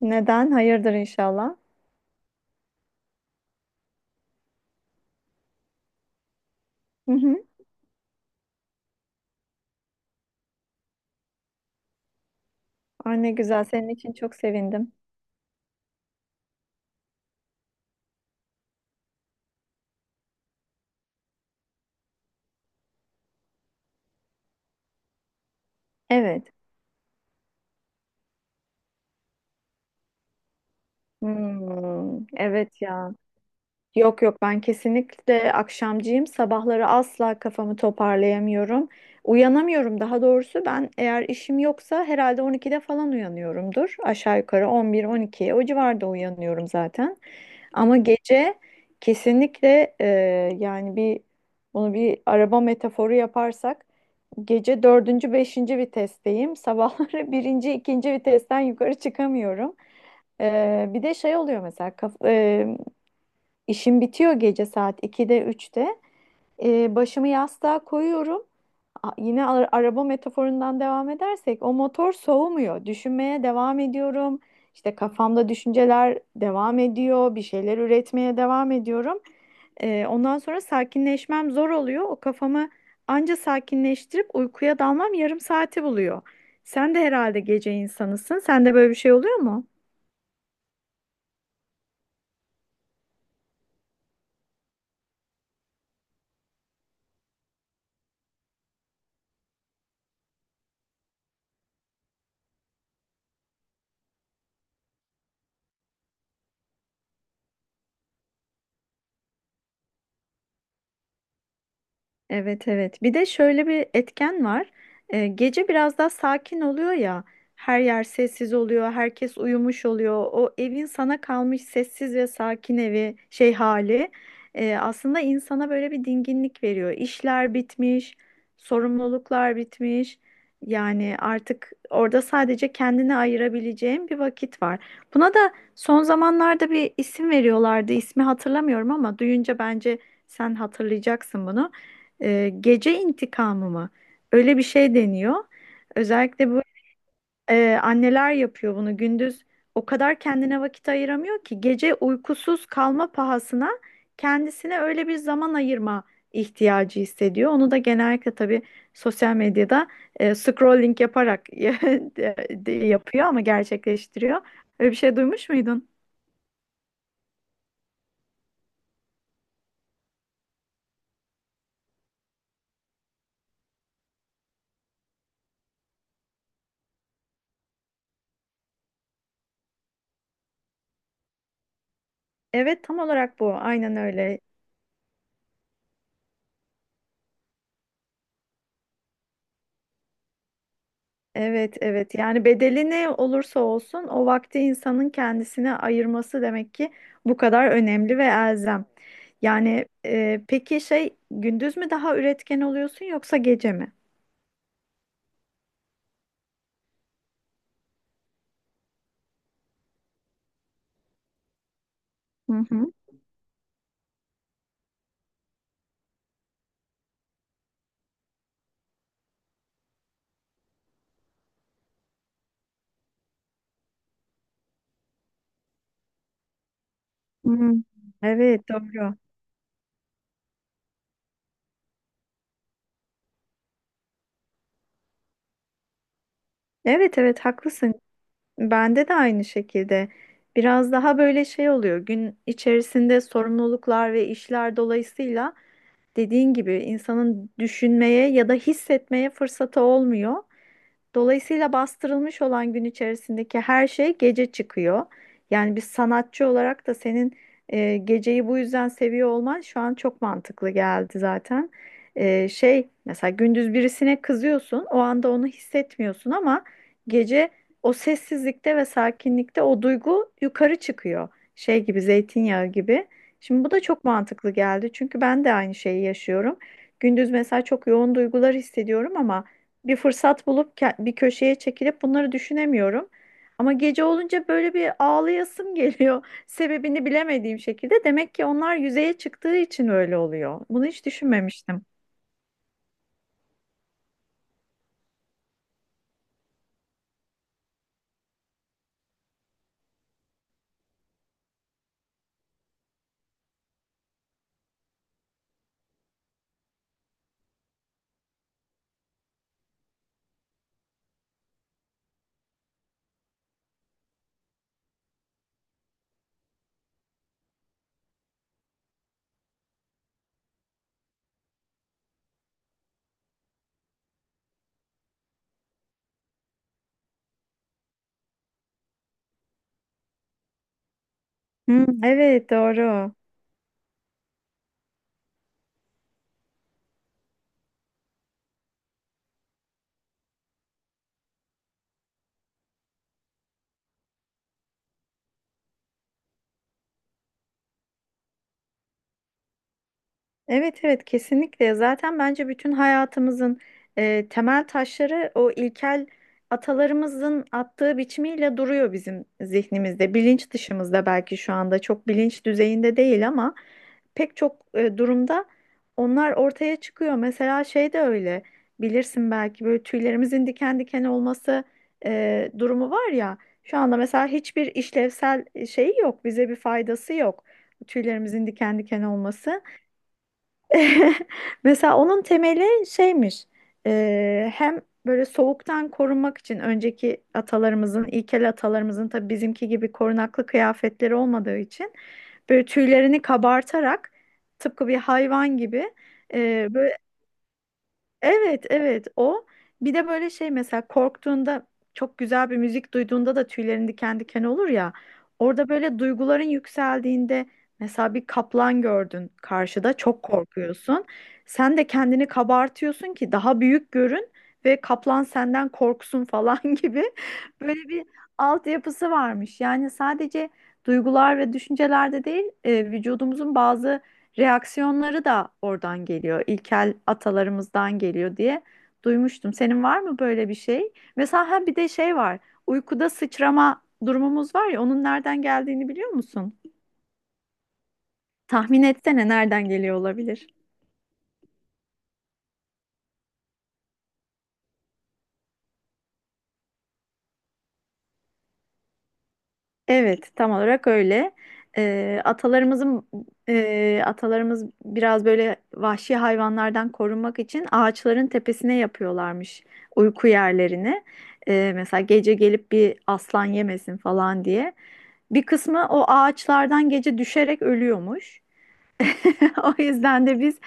Neden? Hayırdır inşallah. Hı hı. Ay ne güzel. Senin için çok sevindim. Evet. Hmm, evet ya. Yok yok ben kesinlikle akşamcıyım. Sabahları asla kafamı toparlayamıyorum. Uyanamıyorum daha doğrusu. Ben eğer işim yoksa herhalde 12'de falan uyanıyorumdur. Aşağı yukarı 11-12 o civarda uyanıyorum zaten. Ama gece kesinlikle yani bunu bir araba metaforu yaparsak gece dördüncü, beşinci vitesteyim. Sabahları birinci, ikinci vitesten yukarı çıkamıyorum. Bir de şey oluyor mesela. İşim bitiyor gece saat 2'de 3'te. Başımı yastığa koyuyorum. Araba metaforundan devam edersek o motor soğumuyor. Düşünmeye devam ediyorum. İşte kafamda düşünceler devam ediyor. Bir şeyler üretmeye devam ediyorum. Ondan sonra sakinleşmem zor oluyor. O kafamı anca sakinleştirip uykuya dalmam yarım saati buluyor. Sen de herhalde gece insanısın. Sende böyle bir şey oluyor mu? Evet evet. Bir de şöyle bir etken var. Gece biraz daha sakin oluyor ya. Her yer sessiz oluyor, herkes uyumuş oluyor. O evin sana kalmış sessiz ve sakin evi şey hali aslında insana böyle bir dinginlik veriyor. İşler bitmiş, sorumluluklar bitmiş. Yani artık orada sadece kendine ayırabileceğin bir vakit var. Buna da son zamanlarda bir isim veriyorlardı. İsmi hatırlamıyorum ama duyunca bence sen hatırlayacaksın bunu. Gece intikamı mı? Öyle bir şey deniyor. Özellikle bu, anneler yapıyor bunu. Gündüz o kadar kendine vakit ayıramıyor ki gece uykusuz kalma pahasına kendisine öyle bir zaman ayırma ihtiyacı hissediyor. Onu da genellikle tabii sosyal medyada scrolling yaparak yapıyor ama gerçekleştiriyor. Öyle bir şey duymuş muydun? Evet tam olarak bu. Aynen öyle. Evet, evet. Yani bedeli ne olursa olsun o vakti insanın kendisine ayırması demek ki bu kadar önemli ve elzem. Yani peki şey, gündüz mü daha üretken oluyorsun yoksa gece mi? Hı hı. Hmm. Evet, doğru. Evet, evet haklısın. Bende de aynı şekilde. Biraz daha böyle şey oluyor. Gün içerisinde sorumluluklar ve işler dolayısıyla dediğin gibi insanın düşünmeye ya da hissetmeye fırsatı olmuyor. Dolayısıyla bastırılmış olan gün içerisindeki her şey gece çıkıyor. Yani bir sanatçı olarak da senin geceyi bu yüzden seviyor olman şu an çok mantıklı geldi zaten. E, şey mesela gündüz birisine kızıyorsun, o anda onu hissetmiyorsun ama gece o sessizlikte ve sakinlikte o duygu yukarı çıkıyor. Şey gibi, zeytinyağı gibi. Şimdi bu da çok mantıklı geldi çünkü ben de aynı şeyi yaşıyorum. Gündüz mesela çok yoğun duygular hissediyorum ama bir fırsat bulup bir köşeye çekilip bunları düşünemiyorum. Ama gece olunca böyle bir ağlayasım geliyor. Sebebini bilemediğim şekilde. Demek ki onlar yüzeye çıktığı için öyle oluyor. Bunu hiç düşünmemiştim. Hı, evet doğru. Evet evet kesinlikle. Zaten bence bütün hayatımızın temel taşları o ilkel atalarımızın attığı biçimiyle duruyor bizim zihnimizde. Bilinç dışımızda belki şu anda çok bilinç düzeyinde değil ama pek çok durumda onlar ortaya çıkıyor. Mesela şey de öyle, bilirsin belki, böyle tüylerimizin diken diken olması durumu var ya. Şu anda mesela hiçbir işlevsel şey yok, bize bir faydası yok tüylerimizin diken diken olması. Mesela onun temeli şeymiş. Hem böyle soğuktan korunmak için önceki atalarımızın, ilkel atalarımızın tabii bizimki gibi korunaklı kıyafetleri olmadığı için böyle tüylerini kabartarak tıpkı bir hayvan gibi, böyle. Evet, evet o. Bir de böyle şey mesela korktuğunda, çok güzel bir müzik duyduğunda da tüylerin diken diken olur ya. Orada böyle duyguların yükseldiğinde, mesela bir kaplan gördün karşıda çok korkuyorsun. Sen de kendini kabartıyorsun ki daha büyük görün ve kaplan senden korksun falan, gibi böyle bir altyapısı varmış. Yani sadece duygular ve düşüncelerde değil, vücudumuzun bazı reaksiyonları da oradan geliyor. İlkel atalarımızdan geliyor diye duymuştum. Senin var mı böyle bir şey? Mesela ha bir de şey var. Uykuda sıçrama durumumuz var ya, onun nereden geldiğini biliyor musun? Tahmin etsene nereden geliyor olabilir? Evet, tam olarak öyle. Atalarımızın, atalarımız biraz böyle vahşi hayvanlardan korunmak için ağaçların tepesine yapıyorlarmış uyku yerlerini. Mesela gece gelip bir aslan yemesin falan diye. Bir kısmı o ağaçlardan gece düşerek ölüyormuş. O yüzden de biz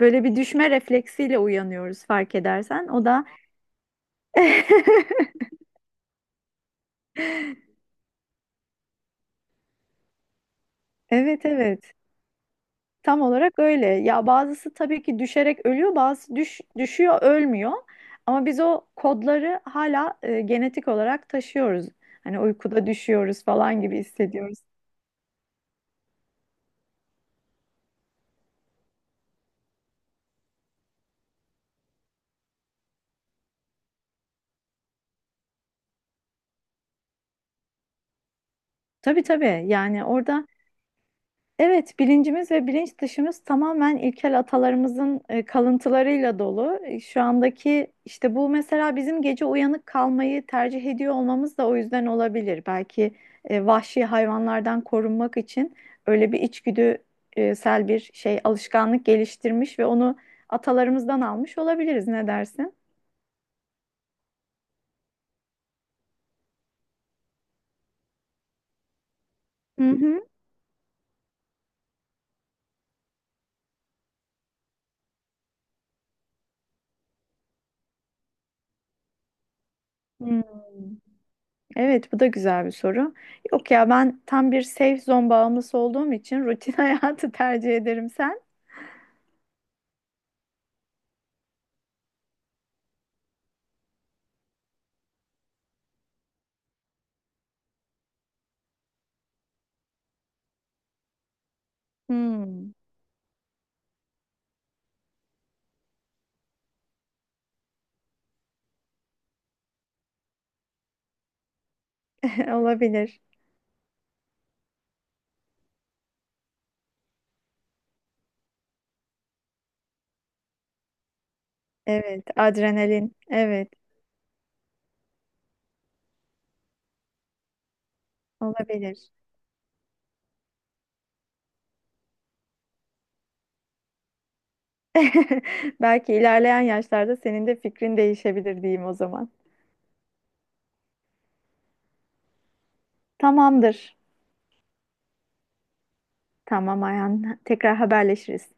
böyle bir düşme refleksiyle uyanıyoruz fark edersen. O da evet evet, tam olarak öyle. Ya bazısı tabii ki düşerek ölüyor, bazısı düşüyor ölmüyor. Ama biz o kodları hala genetik olarak taşıyoruz. Hani uykuda düşüyoruz falan gibi hissediyoruz. Tabii tabii, yani orada. Evet, bilincimiz ve bilinç dışımız tamamen ilkel atalarımızın kalıntılarıyla dolu. E, şu andaki işte bu mesela bizim gece uyanık kalmayı tercih ediyor olmamız da o yüzden olabilir. Belki vahşi hayvanlardan korunmak için öyle bir içgüdüsel bir şey alışkanlık geliştirmiş ve onu atalarımızdan almış olabiliriz. Ne dersin? Hı hı. Hmm. Evet, bu da güzel bir soru. Yok ya ben tam bir safe zone bağımlısı olduğum için rutin hayatı tercih ederim. Sen? Hmm, olabilir. Evet, adrenalin. Evet, olabilir. Belki ilerleyen yaşlarda senin de fikrin değişebilir diyeyim o zaman. Tamamdır. Tamam Ayhan. Tekrar haberleşiriz.